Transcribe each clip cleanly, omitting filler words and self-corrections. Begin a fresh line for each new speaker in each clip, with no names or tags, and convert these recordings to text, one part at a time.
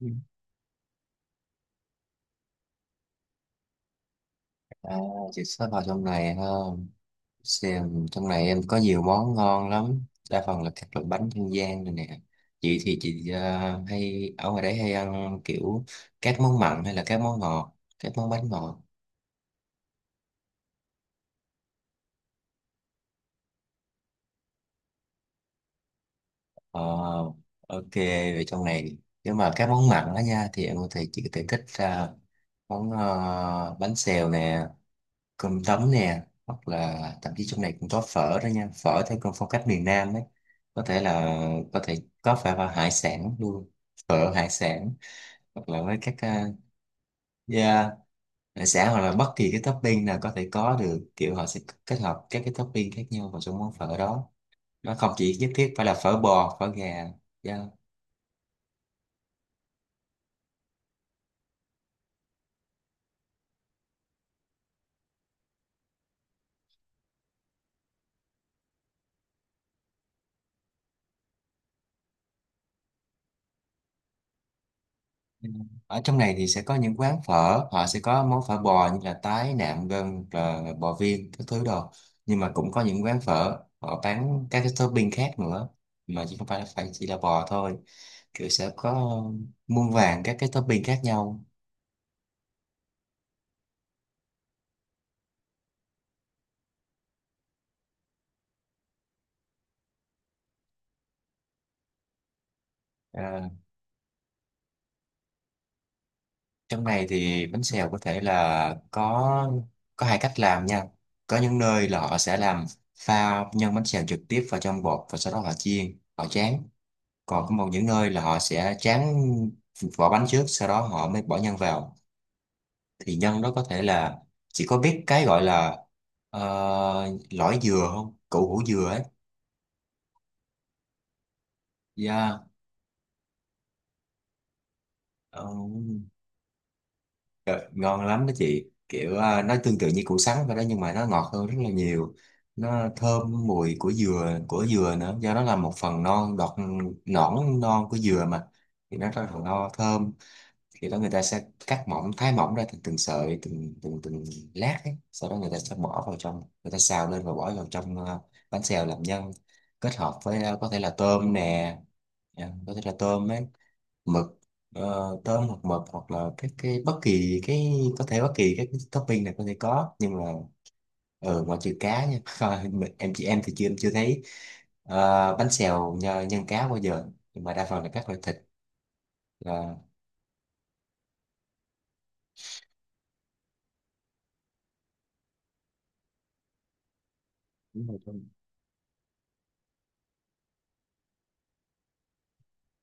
Ừ. À, chị sẽ vào trong này ha. Xem trong này em có nhiều món ngon lắm. Đa phần là các loại bánh dân gian này nè. Chị thì chị hay ở ngoài đấy hay ăn kiểu các món mặn hay là các món ngọt, các món bánh ngọt. Ờ, ok, về trong này nếu mà các món mặn đó nha thì em có thể chị có thể thích ra món bánh xèo nè, cơm tấm nè, hoặc là thậm chí trong này cũng có phở đó nha. Phở theo con phong cách miền Nam ấy có thể là có thể có phải vào hải sản luôn, phở hải sản, hoặc là với các yeah, hải sản hoặc là bất kỳ cái topping nào có thể có được, kiểu họ sẽ kết hợp các cái topping khác nhau vào trong món phở đó. Nó không chỉ nhất thiết phải là phở bò, phở gà. Yeah. Ừ. Ở trong này thì sẽ có những quán phở, họ sẽ có món phở bò như là tái, nạm, gân, rồi bò viên, các thứ đồ. Nhưng mà cũng có những quán phở, họ bán các cái topping khác nữa. Mà chỉ không phải là phải chỉ là bò thôi. Kiểu sẽ có muôn vàn các cái topping khác nhau. À, trong này thì bánh xèo có thể là có hai cách làm nha. Có những nơi là họ sẽ làm pha nhân bánh xèo trực tiếp vào trong bột và sau đó họ chiên, họ tráng. Còn có một những nơi là họ sẽ tráng vỏ bánh trước sau đó họ mới bỏ nhân vào. Thì nhân đó có thể là chỉ có biết cái gọi là lõi dừa không, củ hủ dừa ấy. Yeah. Ờ, ờ, ngon lắm đó chị, kiểu nó tương tự như củ sắn vậy đó nhưng mà nó ngọt hơn rất là nhiều. Nó thơm mùi của dừa nữa do nó là một phần non đọt, nõn non của dừa mà thì nó rất là no thơm. Khi đó người ta sẽ cắt mỏng thái mỏng ra từng từng sợi, từng từng từng lát ấy. Sau đó người ta sẽ bỏ vào trong, người ta xào lên và bỏ vào trong bánh xèo làm nhân, kết hợp với có thể là tôm nè. Dạ, có thể là tôm ấy, mực, ờ, tôm hoặc mực hoặc là cái bất kỳ cái, có thể bất kỳ cái topping này có thể có nhưng mà ừ, ngoại trừ cá nha. Thôi, em, chị em thì chưa, em chưa thấy bánh xèo nhân cá bao giờ, nhưng mà đa phần là các loại thịt. Là đúng rồi,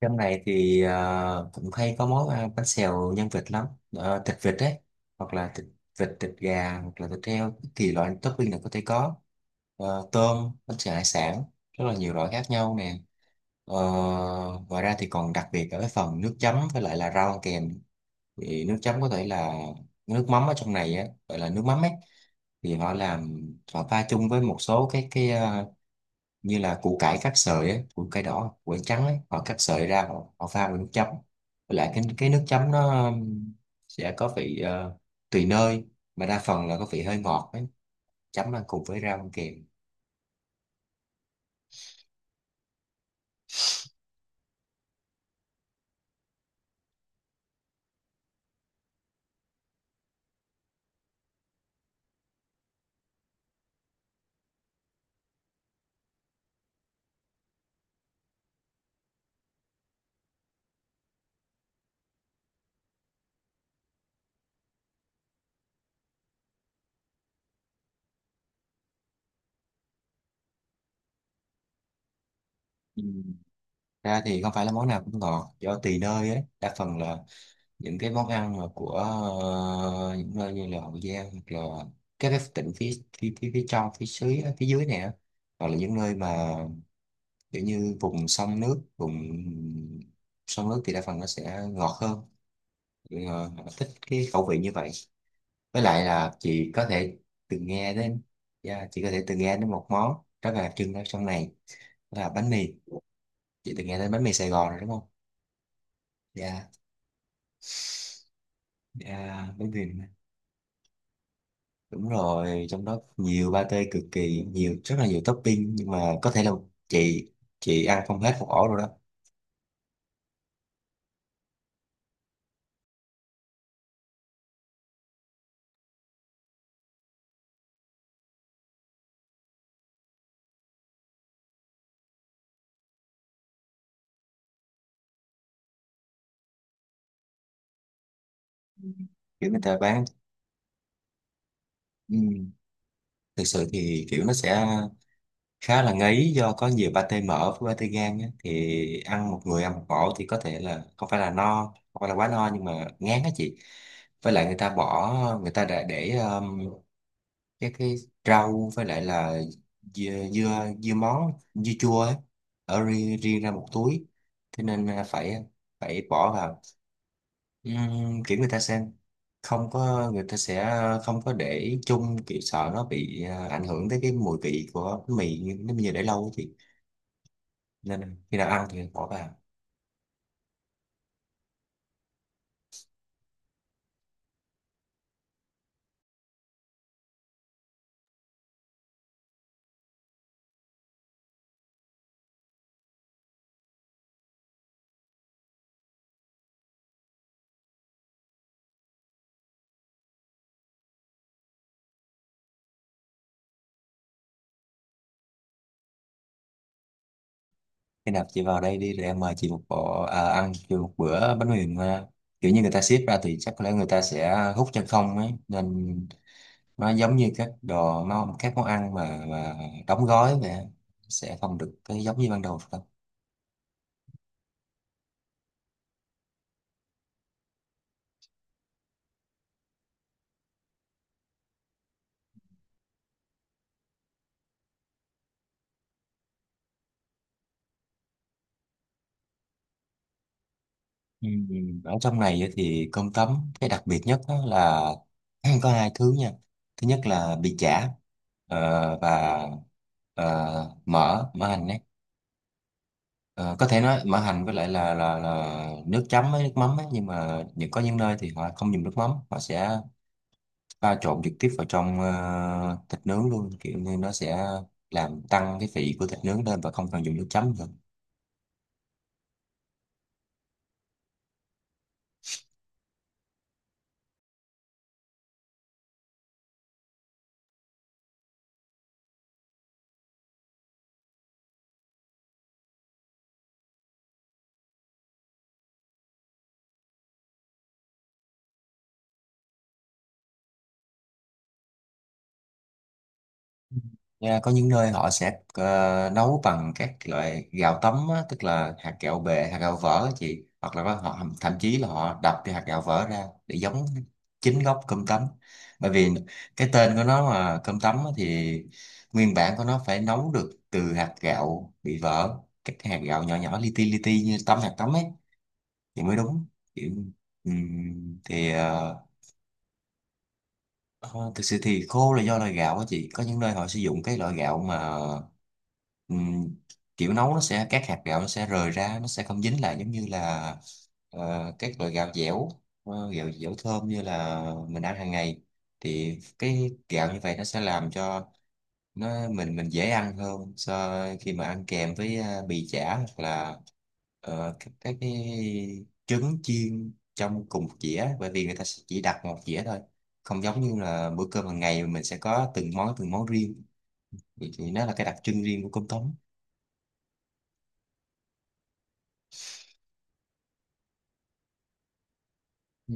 trong này thì cũng hay có món ăn bánh xèo nhân vịt lắm. Ờ, thịt vịt đấy, hoặc là thịt vịt, thịt gà hoặc là thịt heo thì loại topping này có thể có. Ờ, tôm, bánh xèo hải sản, rất là nhiều loại khác nhau nè. Ờ, ngoài ra thì còn đặc biệt ở cái phần nước chấm với lại là rau kèm. Thì nước chấm có thể là nước mắm, ở trong này á gọi là nước mắm ấy, thì họ làm họ pha chung với một số cái như là củ cải cắt sợi ấy, củ cải đỏ củ cải trắng ấy, họ cắt sợi ra họ, họ pha với nước chấm. Với lại cái nước chấm nó sẽ có vị tùy nơi, mà đa phần là có vị hơi ngọt ấy, chấm ăn cùng với rau ăn kèm. Ừ. Ra thì không phải là món nào cũng ngọt, do tùy nơi ấy. Đa phần là những cái món ăn mà của những nơi như là Hậu Giang hoặc là các cái tỉnh phía phía trong, phía dưới, này á, hoặc là những nơi mà kiểu như vùng sông nước, thì đa phần nó sẽ ngọt hơn. Thì, ờ, họ thích cái khẩu vị như vậy. Với lại là chị có thể từng nghe đến, yeah, chị có thể từng nghe đến một món rất là đặc trưng ở trong này, đó là bánh mì. Chị từng nghe đến bánh mì Sài Gòn rồi đúng không? Dạ. Dạ bánh mì, đúng rồi, trong đó nhiều pate cực kỳ, nhiều rất là nhiều topping, nhưng mà có thể là chị chị ăn không hết một ổ rồi đó. Kiểu người ta bán. Ừ. Thực sự thì kiểu nó sẽ khá là ngấy do có nhiều pate mỡ với pate gan á. Thì ăn một, người ăn một ổ thì có thể là không phải là no, không phải là quá no, nhưng mà ngán á chị. Với lại người ta bỏ, người ta đã để các cái rau với lại là dưa dưa, dưa món dưa chua ấy, ở riêng, riêng ra một túi, thế nên phải phải bỏ vào. Kiểu người ta sẽ không có, người ta sẽ không có để chung, kiểu sợ nó bị ảnh hưởng tới cái mùi vị của bánh mì nếu như để lâu á chị, nên khi nào ăn thì bỏ vào. Khi nào chị vào đây đi rồi em mời chị một bộ ăn chị một bữa bánh mì mà kiểu như người ta xếp ra thì chắc có lẽ người ta sẽ hút chân không ấy, nên nó giống như các đồ, nó các món ăn mà, đóng gói mà sẽ không được cái giống như ban đầu. Ừ, ở trong này á thì cơm tấm, cái đặc biệt nhất đó là có hai thứ nha. Thứ nhất là bì chả, và mỡ mỡ hành ấy. Ờ, có thể nói mỡ hành với lại là là nước chấm với nước mắm ấy, nhưng mà những có những nơi thì họ không dùng nước mắm, họ sẽ pha trộn trực tiếp vào trong thịt nướng luôn, kiểu như nó sẽ làm tăng cái vị của thịt nướng lên và không cần dùng nước chấm nữa. Nha, có những nơi họ sẽ nấu bằng các loại gạo tấm á, tức là hạt gạo bề, hạt gạo vỡ á chị, hoặc là họ thậm chí là họ đập cái hạt gạo vỡ ra để giống chính gốc cơm tấm. Bởi vì cái tên của nó mà cơm tấm á, thì nguyên bản của nó phải nấu được từ hạt gạo bị vỡ, các hạt gạo nhỏ nhỏ, li ti như tấm, hạt tấm ấy thì mới đúng. Kiểu, thì ờ, thực sự thì khô là do loại gạo á chị, có những nơi họ sử dụng cái loại gạo mà ừm, kiểu nấu nó sẽ, các hạt gạo nó sẽ rời ra, nó sẽ không dính lại giống như là các loại gạo dẻo, gạo dẻo thơm như là mình ăn hàng ngày. Thì cái gạo như vậy nó sẽ làm cho nó mình dễ ăn hơn so khi mà ăn kèm với bì chả hoặc là các cái trứng chiên trong cùng một dĩa, bởi vì người ta sẽ chỉ đặt một dĩa thôi, không giống như là bữa cơm hàng ngày mình sẽ có từng món, riêng. Thì nó là cái đặc trưng riêng của cơm tấm. Ừ.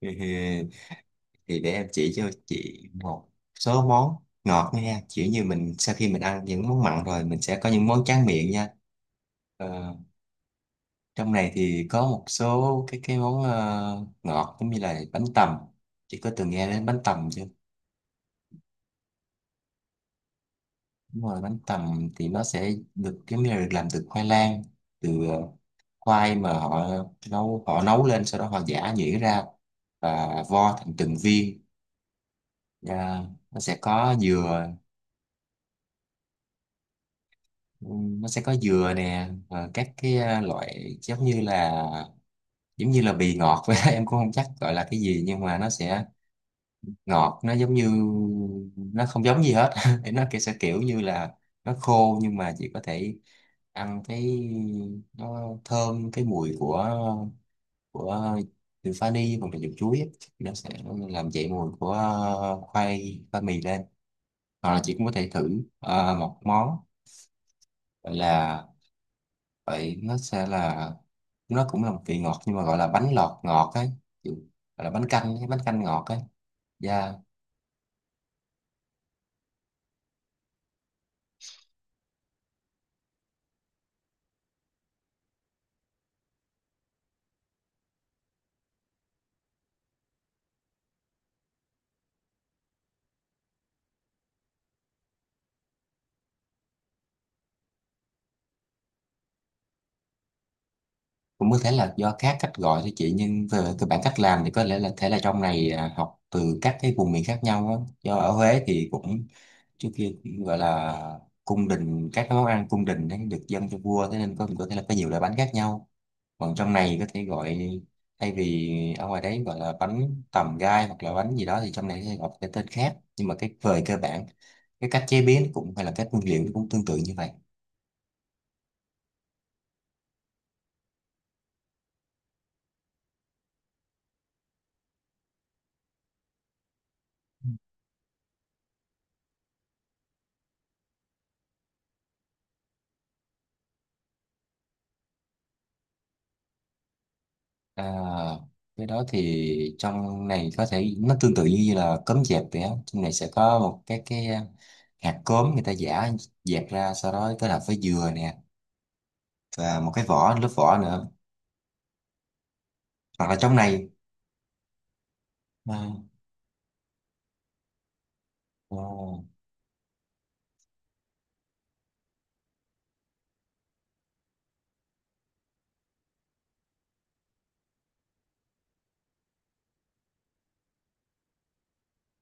thì, để em chỉ cho chị một số món ngọt nha, kiểu như mình sau khi mình ăn những món mặn rồi mình sẽ có những món tráng miệng nha. Ờ, trong này thì có một số cái món ngọt, giống như là bánh tằm. Chị có từng nghe đến bánh tằm chưa? Đúng rồi, bánh tằm thì nó sẽ được giống như là được làm từ khoai lang, từ khoai mà họ nấu, lên, sau đó họ giã nhuyễn ra và vo thành từng viên. Và nó sẽ có dừa, nó sẽ có dừa nè, và các cái loại giống như là, giống như là bì ngọt vậy đó. Em cũng không chắc gọi là cái gì nhưng mà nó sẽ ngọt, nó giống như, nó không giống gì hết. Thì nó kiểu sẽ kiểu như là nó khô, nhưng mà chỉ có thể ăn cái, nó thơm cái mùi của, từ vani hoặc là dùng chuối ấy. Nó sẽ làm dậy mùi của khoai, mì lên. Hoặc là chị cũng có thể thử một món gọi là, vậy nó sẽ là, nó cũng là một vị ngọt nhưng mà gọi là bánh lọt ngọt ấy. Kiểu- gọi là bánh canh ấy, bánh canh ngọt ấy. Dạ. Cũng có thể là do các cách gọi thôi chị, nhưng về cơ bản cách làm thì có lẽ là thể là trong này học từ các cái vùng miền khác nhau á. Do ở Huế thì cũng trước kia cũng gọi là cung đình, các cái món ăn cung đình ấy được dâng cho vua, thế nên có thể là có nhiều loại bánh khác nhau. Còn trong này có thể gọi thay vì ở ngoài đấy gọi là bánh tầm gai hoặc là bánh gì đó thì trong này sẽ gọi cái tên khác, nhưng mà cái về cơ bản cái cách chế biến cũng hay là các nguyên liệu cũng tương tự như vậy. À, cái đó thì trong này có thể nó tương tự như là cốm dẹp vậy á. Trong này sẽ có một cái hạt cốm, người ta giả dẹp ra sau đó kết hợp với dừa nè và một cái vỏ, lớp vỏ nữa. Hoặc là trong này à, à,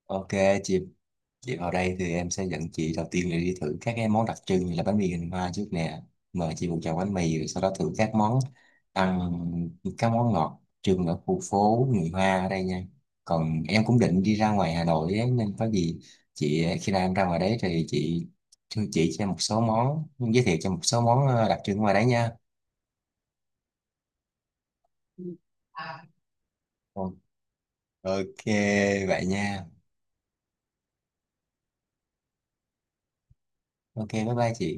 ok chị. Đi vào đây thì em sẽ dẫn chị đầu tiên là đi thử các cái món đặc trưng như là bánh mì hình hoa trước nè. Mời chị một chào bánh mì rồi sau đó thử các món ăn, các món ngọt trưng ở khu phố người Hoa ở đây nha. Còn em cũng định đi ra ngoài Hà Nội ấy, nên có gì chị, khi nào em ra ngoài đấy thì chị thưa chị cho em một số món, giới thiệu cho em một số món đặc trưng ngoài đấy nha. Ừ. Ok vậy nha. Ok bye bye chị.